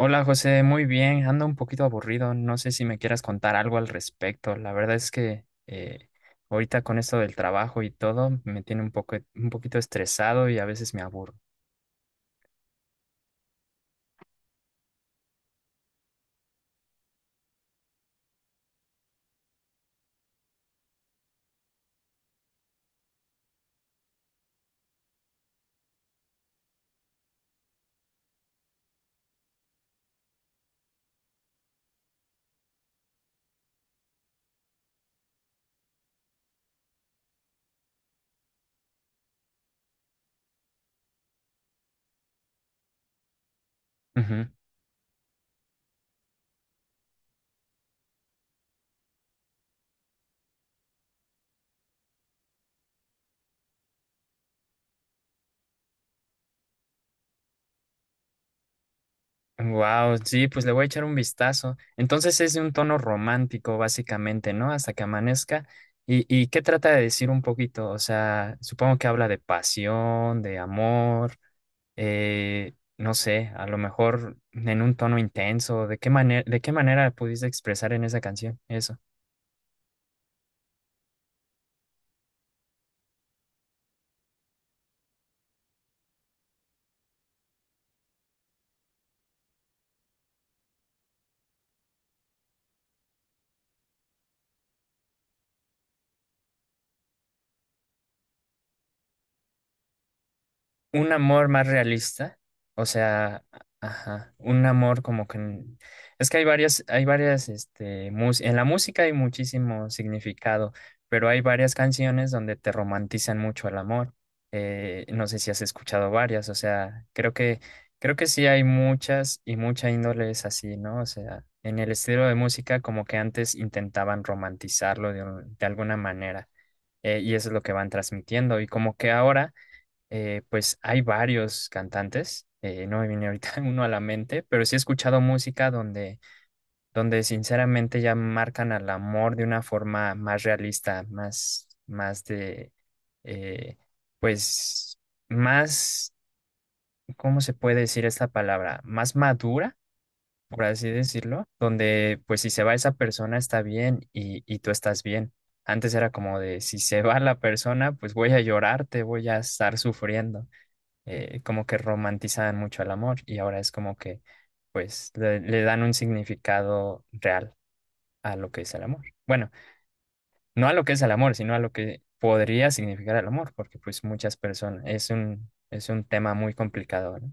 Hola José, muy bien, ando un poquito aburrido, no sé si me quieras contar algo al respecto. La verdad es que ahorita con esto del trabajo y todo me tiene un poquito estresado y a veces me aburro. Wow, sí, pues le voy a echar un vistazo. Entonces es de un tono romántico básicamente, ¿no? Hasta que amanezca. ¿Y qué trata de decir un poquito? O sea, supongo que habla de pasión, de amor. No sé, a lo mejor en un tono intenso. ¿De qué manera pudiste expresar en esa canción eso? Un amor más realista, o sea, ajá, un amor como que es que hay varias, este, mus- en la música hay muchísimo significado, pero hay varias canciones donde te romantizan mucho el amor. No sé si has escuchado varias. O sea, creo que sí hay muchas y mucha índole es así, ¿no? O sea, en el estilo de música como que antes intentaban romantizarlo de alguna manera, y eso es lo que van transmitiendo, y como que ahora pues hay varios cantantes. No me viene ahorita uno a la mente, pero sí he escuchado música donde sinceramente ya marcan al amor de una forma más realista. Más, más de, eh, pues, más, ¿Cómo se puede decir esta palabra? Más madura, por así decirlo, donde pues si se va esa persona está bien y tú estás bien. Antes era como de si se va la persona, pues voy a llorarte, voy a estar sufriendo. Como que romantizaban mucho el amor y ahora es como que pues le dan un significado real a lo que es el amor. Bueno, no a lo que es el amor, sino a lo que podría significar el amor, porque pues muchas personas, es un tema muy complicado, ¿no?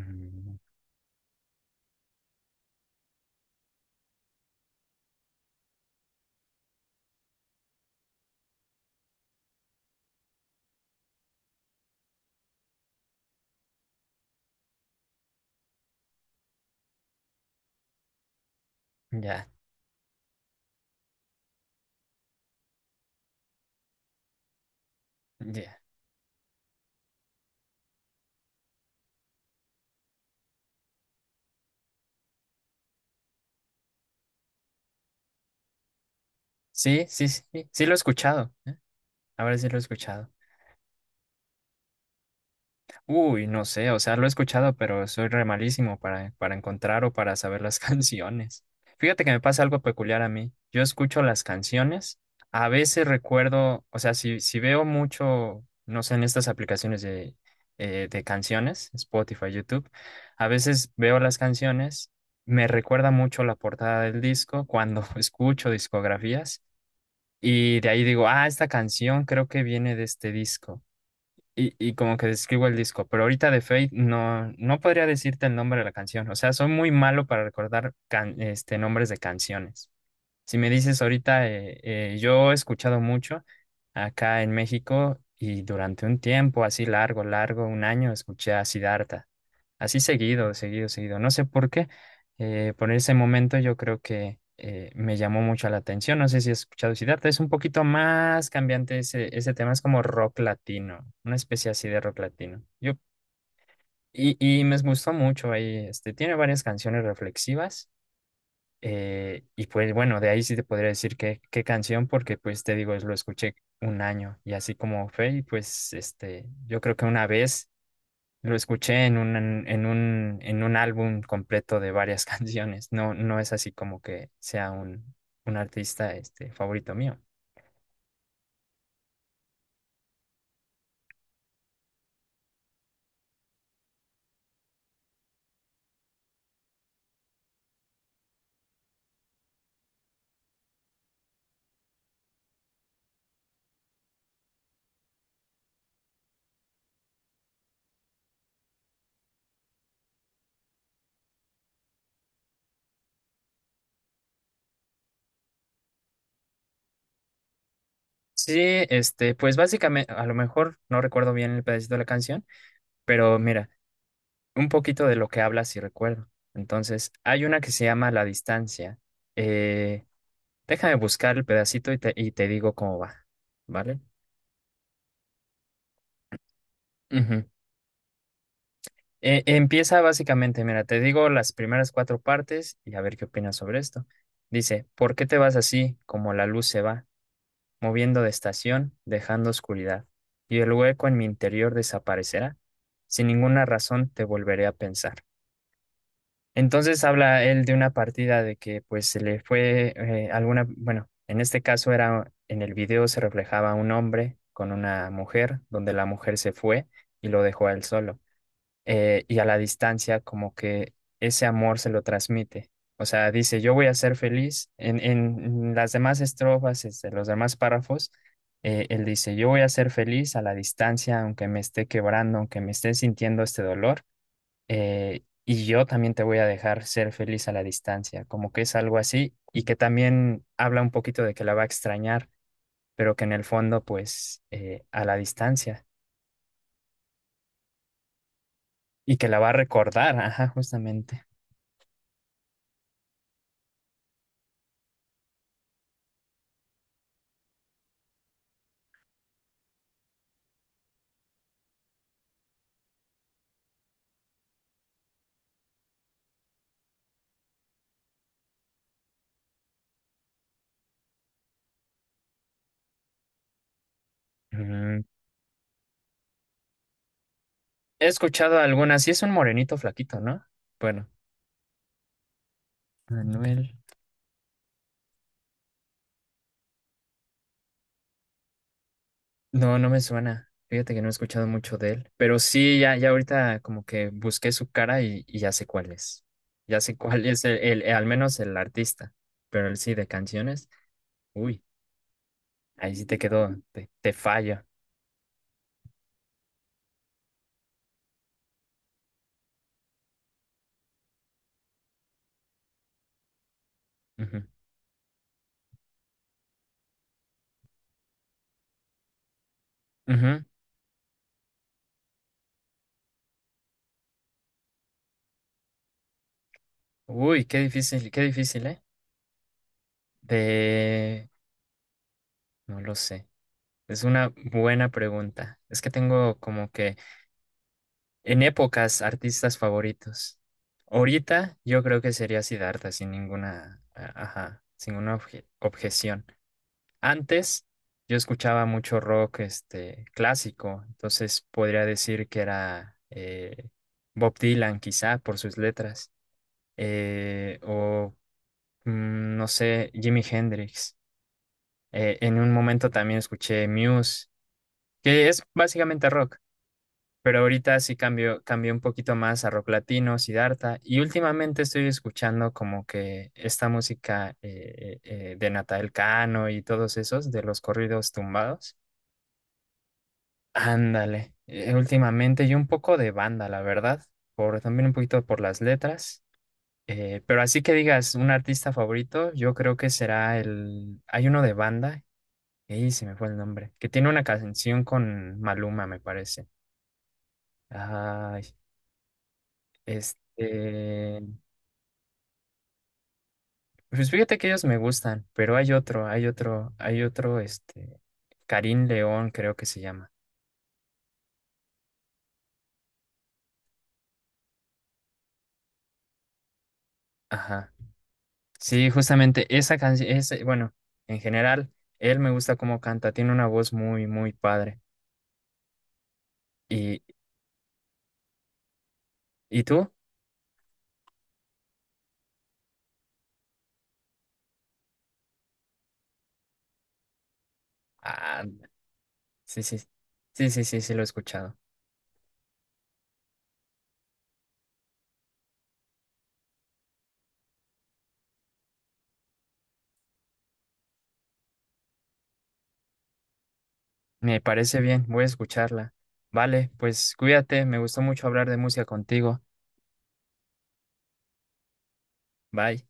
Mm. Ya, ya. Sí, sí, sí, sí lo he escuchado. Ahora sí lo he escuchado. Uy, no sé, o sea, lo he escuchado, pero soy re malísimo para encontrar o para saber las canciones. Fíjate que me pasa algo peculiar a mí. Yo escucho las canciones, a veces recuerdo, o sea, si veo mucho, no sé, en estas aplicaciones de canciones, Spotify, YouTube, a veces veo las canciones, me recuerda mucho la portada del disco cuando escucho discografías y de ahí digo, ah, esta canción creo que viene de este disco. Y como que describo el disco, pero ahorita de Fate no podría decirte el nombre de la canción. O sea, soy muy malo para recordar este, nombres de canciones. Si me dices ahorita, yo he escuchado mucho acá en México y durante un tiempo así largo, largo, un año, escuché a Siddhartha. Así seguido, seguido, seguido. No sé por qué. Por ese momento yo creo que me llamó mucho la atención. No sé si has escuchado Siddhartha. Es un poquito más cambiante ese tema. Es como rock latino. Una especie así de rock latino. Y me gustó mucho ahí. Este, tiene varias canciones reflexivas. Y pues bueno, de ahí sí te podría decir qué canción, porque pues te digo, es lo escuché un año y así como fue. Y pues este, yo creo que una vez lo escuché en un álbum completo de varias canciones. No, no es así como que un artista este, favorito mío. Sí, este, pues básicamente, a lo mejor no recuerdo bien el pedacito de la canción, pero mira, un poquito de lo que habla sí recuerdo. Entonces, hay una que se llama La Distancia. Eh, Déjame buscar el pedacito y te digo cómo va, ¿vale? Ujú. Empieza básicamente, mira, te digo las primeras cuatro partes y a ver qué opinas sobre esto. Dice, ¿por qué te vas así como la luz se va, moviendo de estación, dejando oscuridad? Y el hueco en mi interior desaparecerá. Sin ninguna razón te volveré a pensar. Entonces habla él de una partida de que pues se le fue, alguna, bueno, en este caso era, en el video se reflejaba un hombre con una mujer, donde la mujer se fue y lo dejó a él solo. Y a la distancia como que ese amor se lo transmite. O sea, dice, yo voy a ser feliz. En las demás estrofas, este, los demás párrafos, él dice, yo voy a ser feliz a la distancia, aunque me esté quebrando, aunque me esté sintiendo este dolor, y yo también te voy a dejar ser feliz a la distancia, como que es algo así, y que también habla un poquito de que la va a extrañar, pero que en el fondo, pues, a la distancia, y que la va a recordar, ajá, justamente. Ujú. He escuchado algunas. Sí, es un morenito flaquito, ¿no? Bueno, Manuel. No, no me suena. Fíjate que no he escuchado mucho de él. Pero sí, ya, ya ahorita como que busqué su cara y ya sé cuál es. Ya sé cuál es al menos el artista. Pero el sí, de canciones. Uy, ahí sí te quedó, te fallo. Ujú, ujú. Uy, qué difícil, ¿eh? De... No lo sé. Es una buena pregunta. Es que tengo como que en épocas, artistas favoritos. Ahorita yo creo que sería Siddhartha sin ninguna, ajá, sin ninguna objeción. Antes yo escuchaba mucho rock este, clásico, entonces podría decir que era, Bob Dylan quizá por sus letras, eh, o no sé, Jimi Hendrix. En un momento también escuché Muse, que es básicamente rock. Pero ahorita sí cambio, cambié un poquito más a rock latino, Siddhartha, y últimamente estoy escuchando como que esta música, de Natal Cano y todos esos, de los corridos tumbados. Ándale, últimamente y un poco de banda, la verdad, también un poquito por las letras. Pero así que digas, un artista favorito, yo creo que será el... Hay uno de banda, y se me fue el nombre, que tiene una canción con Maluma, me parece. Ay, este... Pues fíjate que ellos me gustan, pero hay otro, este, Karim León creo que se llama. Ajá. Sí, justamente esa canción, ese, bueno, en general, él me gusta cómo canta, tiene una voz muy, muy padre. ¿Y, ¿Y tú? Ah, sí, sí, sí, sí, lo he escuchado. Me parece bien, voy a escucharla. Vale, pues cuídate, me gustó mucho hablar de música contigo. Bye.